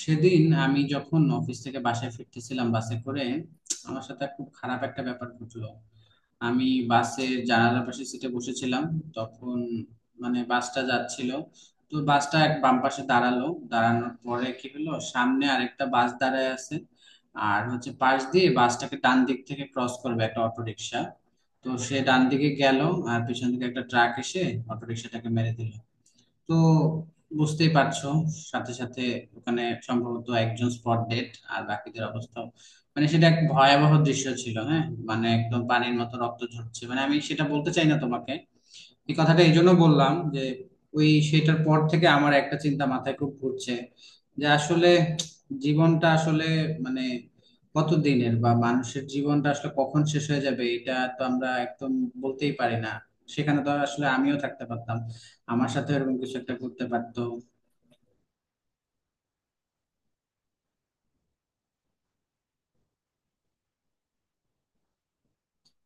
সেদিন আমি যখন অফিস থেকে বাসায় ফিরতেছিলাম বাসে করে আমার সাথে খুব খারাপ একটা ব্যাপার ঘটলো। আমি বাসের জানালার পাশে সিটে বসেছিলাম। তখন বাসটা যাচ্ছিল। তো বাসটা এক বাম পাশে দাঁড়ালো। দাঁড়ানোর পরে কি হলো, সামনে আরেকটা বাস দাঁড়ায় আছে। আর হচ্ছে পাশ দিয়ে বাসটাকে ডান দিক থেকে ক্রস করবে একটা অটো রিক্সা। তো সে ডান দিকে গেল। আর পিছন থেকে একটা ট্রাক এসে অটো রিক্সাটাকে মেরে দিল। তো বুঝতেই পারছো, সাথে সাথে ওখানে সম্ভবত একজন স্পট ডেড আর বাকিদের অবস্থা, সেটা এক ভয়াবহ দৃশ্য ছিল, হ্যাঁ। একদম পানির মতো রক্ত ঝরছে, আমি সেটা বলতে চাই না তোমাকে। এই কথাটা এই জন্য বললাম যে ওই সেটার পর থেকে আমার একটা চিন্তা মাথায় খুব ঘুরছে, যে আসলে জীবনটা আসলে মানে কতদিনের, বা মানুষের জীবনটা আসলে কখন শেষ হয়ে যাবে এটা তো আমরা একদম বলতেই পারি না। সেখানে তো আসলে আমিও থাকতে পারতাম, আমার সাথে এরকম কিছু একটা করতে পারতো।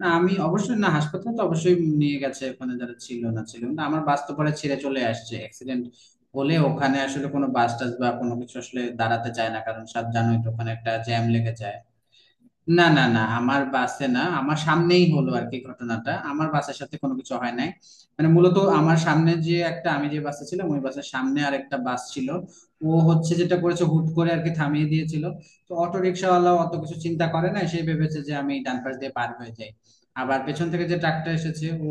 না, আমি অবশ্যই না। হাসপাতালে তো অবশ্যই নিয়ে গেছে, ওখানে যারা ছিল না ছিল, কিন্তু আমার বাস তো পরে ছেড়ে চলে আসছে। অ্যাক্সিডেন্ট হলে ওখানে আসলে কোনো বাস টাস বা কোনো কিছু আসলে দাঁড়াতে চায় না, কারণ সব জানোই তো, ওখানে একটা জ্যাম লেগে যায়। না না না, আমার বাসে না, আমার সামনেই হলো আর কি ঘটনাটা, আমার বাসের সাথে কোনো কিছু হয় নাই। মূলত আমার সামনে যে একটা, আমি যে বাসে ছিলাম ওই বাসের সামনে আরেকটা বাস ছিল। ও হচ্ছে যেটা করেছে হুট করে আর কি থামিয়ে দিয়েছিল। তো অটো রিক্সাওয়ালা অত কিছু চিন্তা করে না, সে ভেবেছে যে আমি ডান পাশ দিয়ে পার হয়ে যাই। আবার পেছন থেকে যে ট্রাকটা এসেছে, ও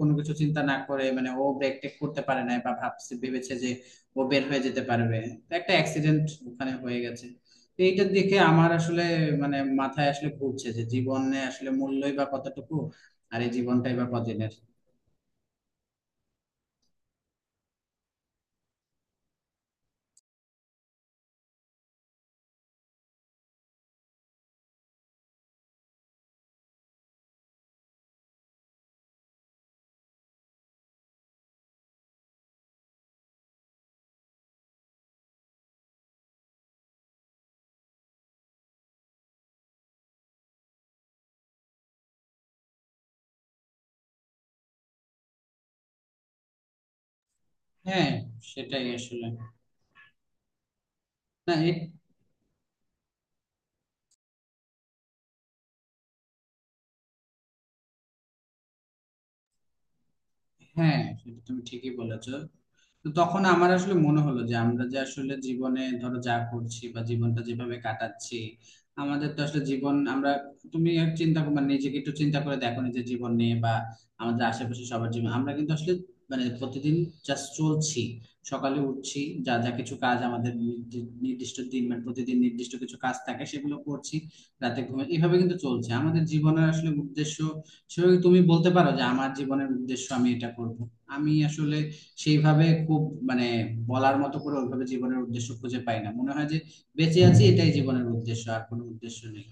কোনো কিছু চিন্তা না করে ও ব্রেক টেক করতে পারে নাই, বা ভেবেছে যে ও বের হয়ে যেতে পারবে। তো একটা অ্যাক্সিডেন্ট ওখানে হয়ে গেছে। তো এইটা দেখে আমার আসলে মাথায় আসলে ঘুরছে যে জীবনে আসলে মূল্যই বা কতটুকু, আর এই জীবনটাই বা কদিনের। হ্যাঁ, সেটাই আসলে। না। হ্যাঁ, সেটা তুমি ঠিকই বলেছো। তো তখন আমার আসলে মনে হলো যে আমরা যে আসলে জীবনে ধরো যা করছি বা জীবনটা যেভাবে কাটাচ্ছি, আমাদের তো আসলে জীবন আমরা, তুমি আর নিজেকে একটু চিন্তা করে দেখো নিজের জীবন নিয়ে, বা আমাদের আশেপাশে সবার জীবন। আমরা কিন্তু আসলে প্রতিদিন জাস্ট চলছি, সকালে উঠছি, যা যা কিছু কাজ আমাদের নির্দিষ্ট দিন প্রতিদিন নির্দিষ্ট কিছু কাজ থাকে সেগুলো করছি, রাতে ঘুমে, এভাবে কিন্তু চলছে আমাদের জীবনের আসলে উদ্দেশ্য। সেভাবে তুমি বলতে পারো যে আমার জীবনের উদ্দেশ্য আমি এটা করব। আমি আসলে সেইভাবে খুব মানে বলার মতো করে ওইভাবে জীবনের উদ্দেশ্য খুঁজে পাই না, মনে হয় যে বেঁচে আছি এটাই জীবনের উদ্দেশ্য, আর কোনো উদ্দেশ্য নেই।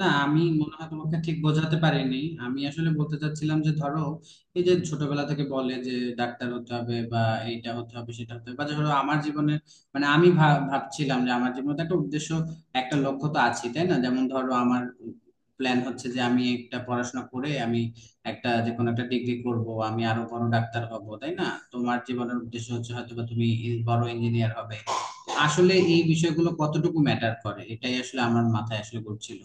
না, আমি মনে হয় তোমাকে ঠিক বোঝাতে পারিনি। আমি আসলে বলতে চাচ্ছিলাম যে ধরো এই যে ছোটবেলা থেকে বলে যে ডাক্তার হতে হবে বা এইটা হতে হবে সেটা হতে হবে, বা ধরো আমার জীবনে আমি ভাবছিলাম যে আমার জীবনে তো একটা উদ্দেশ্য, একটা লক্ষ্য তো আছে, তাই না? যেমন ধরো আমার প্ল্যান হচ্ছে যে আমি একটা পড়াশোনা করে আমি একটা যে কোনো একটা ডিগ্রি করব, আমি আরো বড় ডাক্তার হব, তাই না? তোমার জীবনের উদ্দেশ্য হচ্ছে হয়তো বা তুমি বড় ইঞ্জিনিয়ার হবে। আসলে এই বিষয়গুলো কতটুকু ম্যাটার করে, এটাই আসলে আমার মাথায় আসলে ঘুরছিল।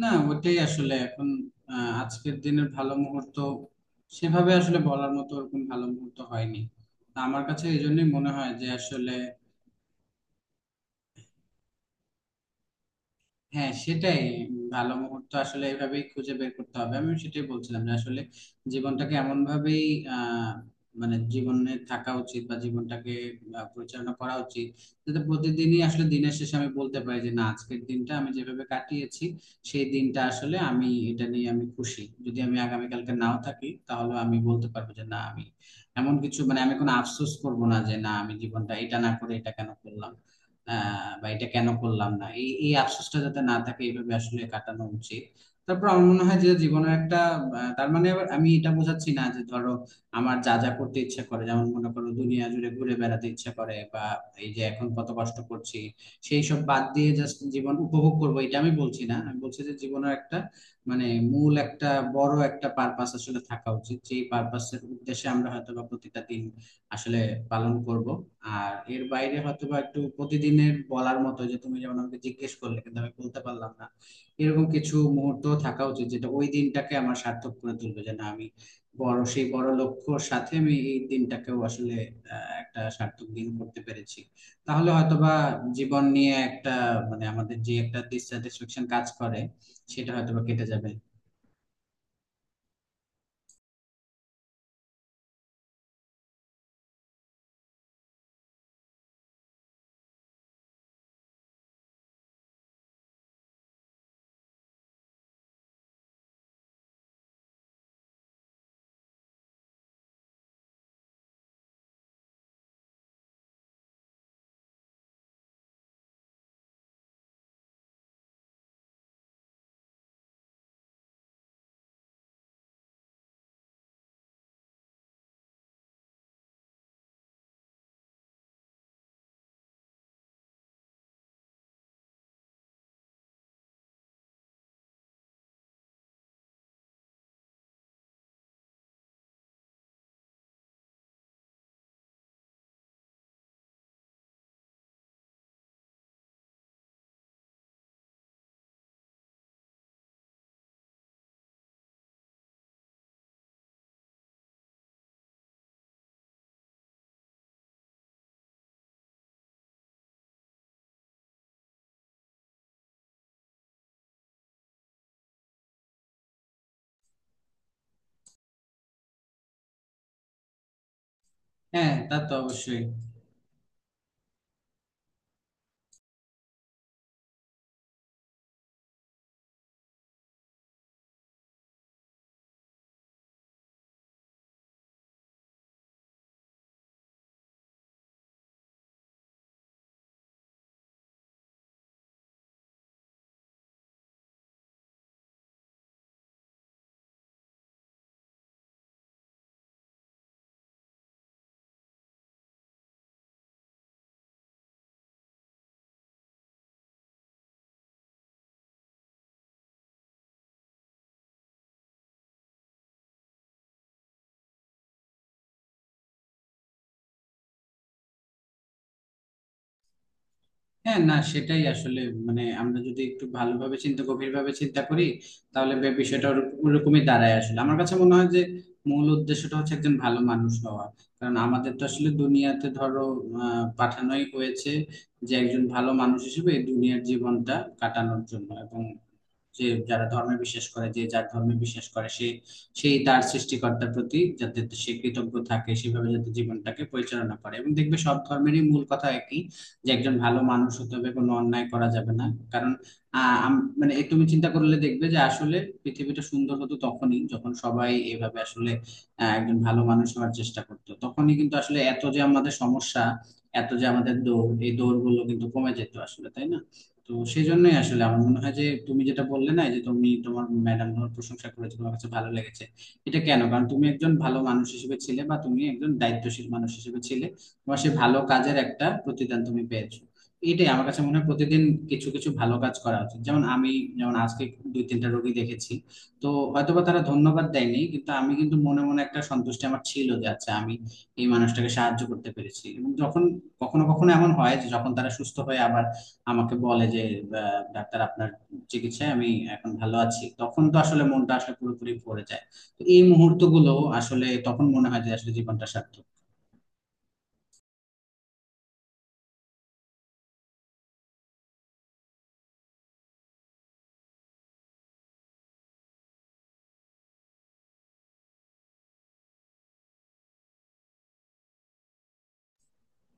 না, ওটাই আসলে এখন, আজকের দিনের ভালো মুহূর্ত সেভাবে আসলে বলার মতো ওরকম ভালো মুহূর্ত হয়নি। তা আমার কাছে এই জন্যই মনে হয় যে আসলে, হ্যাঁ, সেটাই। ভালো মুহূর্ত আসলে এভাবেই খুঁজে বের করতে হবে, আমি সেটাই বলছিলাম যে আসলে জীবনটাকে এমন ভাবেই, আহ জীবনে থাকা উচিত, বা জীবনটাকে পরিচালনা করা উচিত, যাতে প্রতিদিনই আসলে দিনের শেষে আমি বলতে পারি যে না আজকের দিনটা আমি যেভাবে কাটিয়েছি সেই দিনটা আসলে আমি এটা নিয়ে আমি খুশি। যদি আমি আগামীকালকে নাও থাকি, তাহলে আমি বলতে পারবো যে না আমি এমন কিছু, আমি কোনো আফসোস করবো না যে না আমি জীবনটা এটা না করে এটা কেন করলাম, বা এটা কেন করলাম না, এই এই আফসোসটা যাতে না থাকে, এইভাবে আসলে কাটানো উচিত। তারপর আমার মনে হয় যে জীবনের একটা, তার মানে আবার আমি এটা বোঝাচ্ছি না যে ধরো আমার যা যা করতে ইচ্ছা করে, যেমন মনে করো দুনিয়া জুড়ে ঘুরে বেড়াতে ইচ্ছা করে বা এই যে এখন কত কষ্ট করছি সেই সব বাদ দিয়ে জাস্ট জীবন উপভোগ করবো, এটা আমি বলছি না। আমি বলছি যে জীবনের একটা, মানে মূল একটা বড় একটা পারপাস আসলে থাকা উচিত, যে পারপাসের উদ্দেশ্যে আমরা হয়তো বা প্রতিটা দিন আসলে পালন করব। আর এর বাইরে হয়তো বা একটু প্রতিদিনের বলার মতো, যে তুমি যেমন আমাকে জিজ্ঞেস করলে কিন্তু আমি বলতে পারলাম না, এরকম কিছু মুহূর্ত থাকা উচিত, যেটা ওই দিনটাকে আমার সার্থক করে তুলবে, যে না আমি সেই বড় লক্ষ্যর সাথে আমি এই দিনটাকেও আসলে একটা সার্থক দিন করতে পেরেছি। তাহলে হয়তোবা জীবন নিয়ে একটা, আমাদের যে একটা ডিসস্যাটিসফ্যাকশন কাজ করে, সেটা হয়তোবা কেটে যাবে। হ্যাঁ, তা তো অবশ্যই। হ্যাঁ, না সেটাই আসলে, আমরা যদি একটু ভালোভাবে চিন্তা গভীরভাবে চিন্তা করি, তাহলে বিষয়টা ওরকমই দাঁড়ায়। আসলে আমার কাছে মনে হয় যে মূল উদ্দেশ্যটা হচ্ছে একজন ভালো মানুষ হওয়া। কারণ আমাদের তো আসলে দুনিয়াতে ধরো পাঠানোই হয়েছে, যে একজন ভালো মানুষ হিসেবে এই দুনিয়ার জীবনটা কাটানোর জন্য। এবং যে যারা ধর্মে বিশ্বাস করে, যে যার ধর্মে বিশ্বাস করে সে সেই তার সৃষ্টিকর্তার প্রতি যাতে সে কৃতজ্ঞ থাকে, সেভাবে যাতে জীবনটাকে পরিচালনা করে। এবং দেখবে সব ধর্মেরই মূল কথা একই, যে একজন ভালো মানুষ হতে হবে, কোনো অন্যায় করা যাবে না। কারণ এ তুমি চিন্তা করলে দেখবে যে আসলে পৃথিবীটা সুন্দর হতো তখনই যখন সবাই এভাবে আসলে একজন ভালো মানুষ হওয়ার চেষ্টা করতো। তখনই কিন্তু আসলে এত যে আমাদের সমস্যা, এত যে আমাদের দৌড়, এই দৌড় গুলো কিন্তু কমে যেত আসলে, তাই না? তো সেই জন্যই আসলে আমার মনে হয় যে, তুমি যেটা বললে না, এই যে তুমি তোমার ম্যাডাম তোমার প্রশংসা করেছে তোমার কাছে ভালো লেগেছে, এটা কেন? কারণ তুমি একজন ভালো মানুষ হিসেবে ছিলে, বা তুমি একজন দায়িত্বশীল মানুষ হিসেবে ছিলে, তোমার সেই ভালো কাজের একটা প্রতিদান তুমি পেয়েছো। এটাই আমার কাছে মনে হয়, প্রতিদিন কিছু কিছু ভালো কাজ করা উচিত। যেমন আমি, যেমন আজকে দুই তিনটা রোগী দেখেছি, তো হয়তোবা তারা ধন্যবাদ দেয়নি, কিন্তু আমি কিন্তু মনে মনে একটা সন্তুষ্টি আমার ছিল যে আচ্ছা আমি এই মানুষটাকে সাহায্য করতে পেরেছি। এবং যখন কখনো কখনো এমন হয় যে যখন তারা সুস্থ হয়ে আবার আমাকে বলে যে, ডাক্তার আপনার চিকিৎসায় আমি এখন ভালো আছি, তখন তো আসলে মনটা আসলে পুরোপুরি ভরে যায়। তো এই মুহূর্তগুলো আসলে, তখন মনে হয় যে আসলে জীবনটা সার্থক।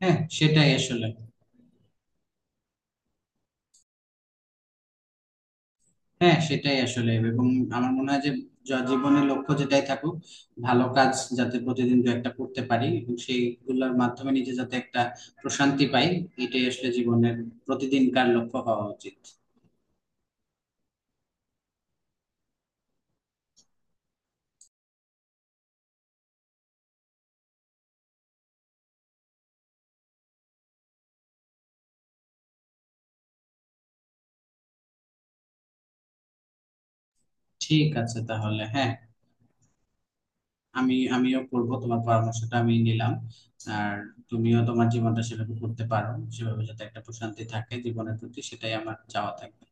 হ্যাঁ, সেটাই আসলে। হ্যাঁ, সেটাই আসলে, এবং আমার মনে হয় যে জীবনের লক্ষ্য যেটাই থাকুক, ভালো কাজ যাতে প্রতিদিন দু একটা করতে পারি, এবং সেইগুলোর মাধ্যমে নিজে যাতে একটা প্রশান্তি পাই, এটাই আসলে জীবনের প্রতিদিনকার লক্ষ্য হওয়া উচিত। ঠিক আছে, তাহলে হ্যাঁ, আমিও করবো, তোমার পরামর্শটা আমি নিলাম। আর তুমিও তোমার জীবনটা সেভাবে করতে পারো, সেভাবে যাতে একটা প্রশান্তি থাকে জীবনের প্রতি, সেটাই আমার চাওয়া থাকে।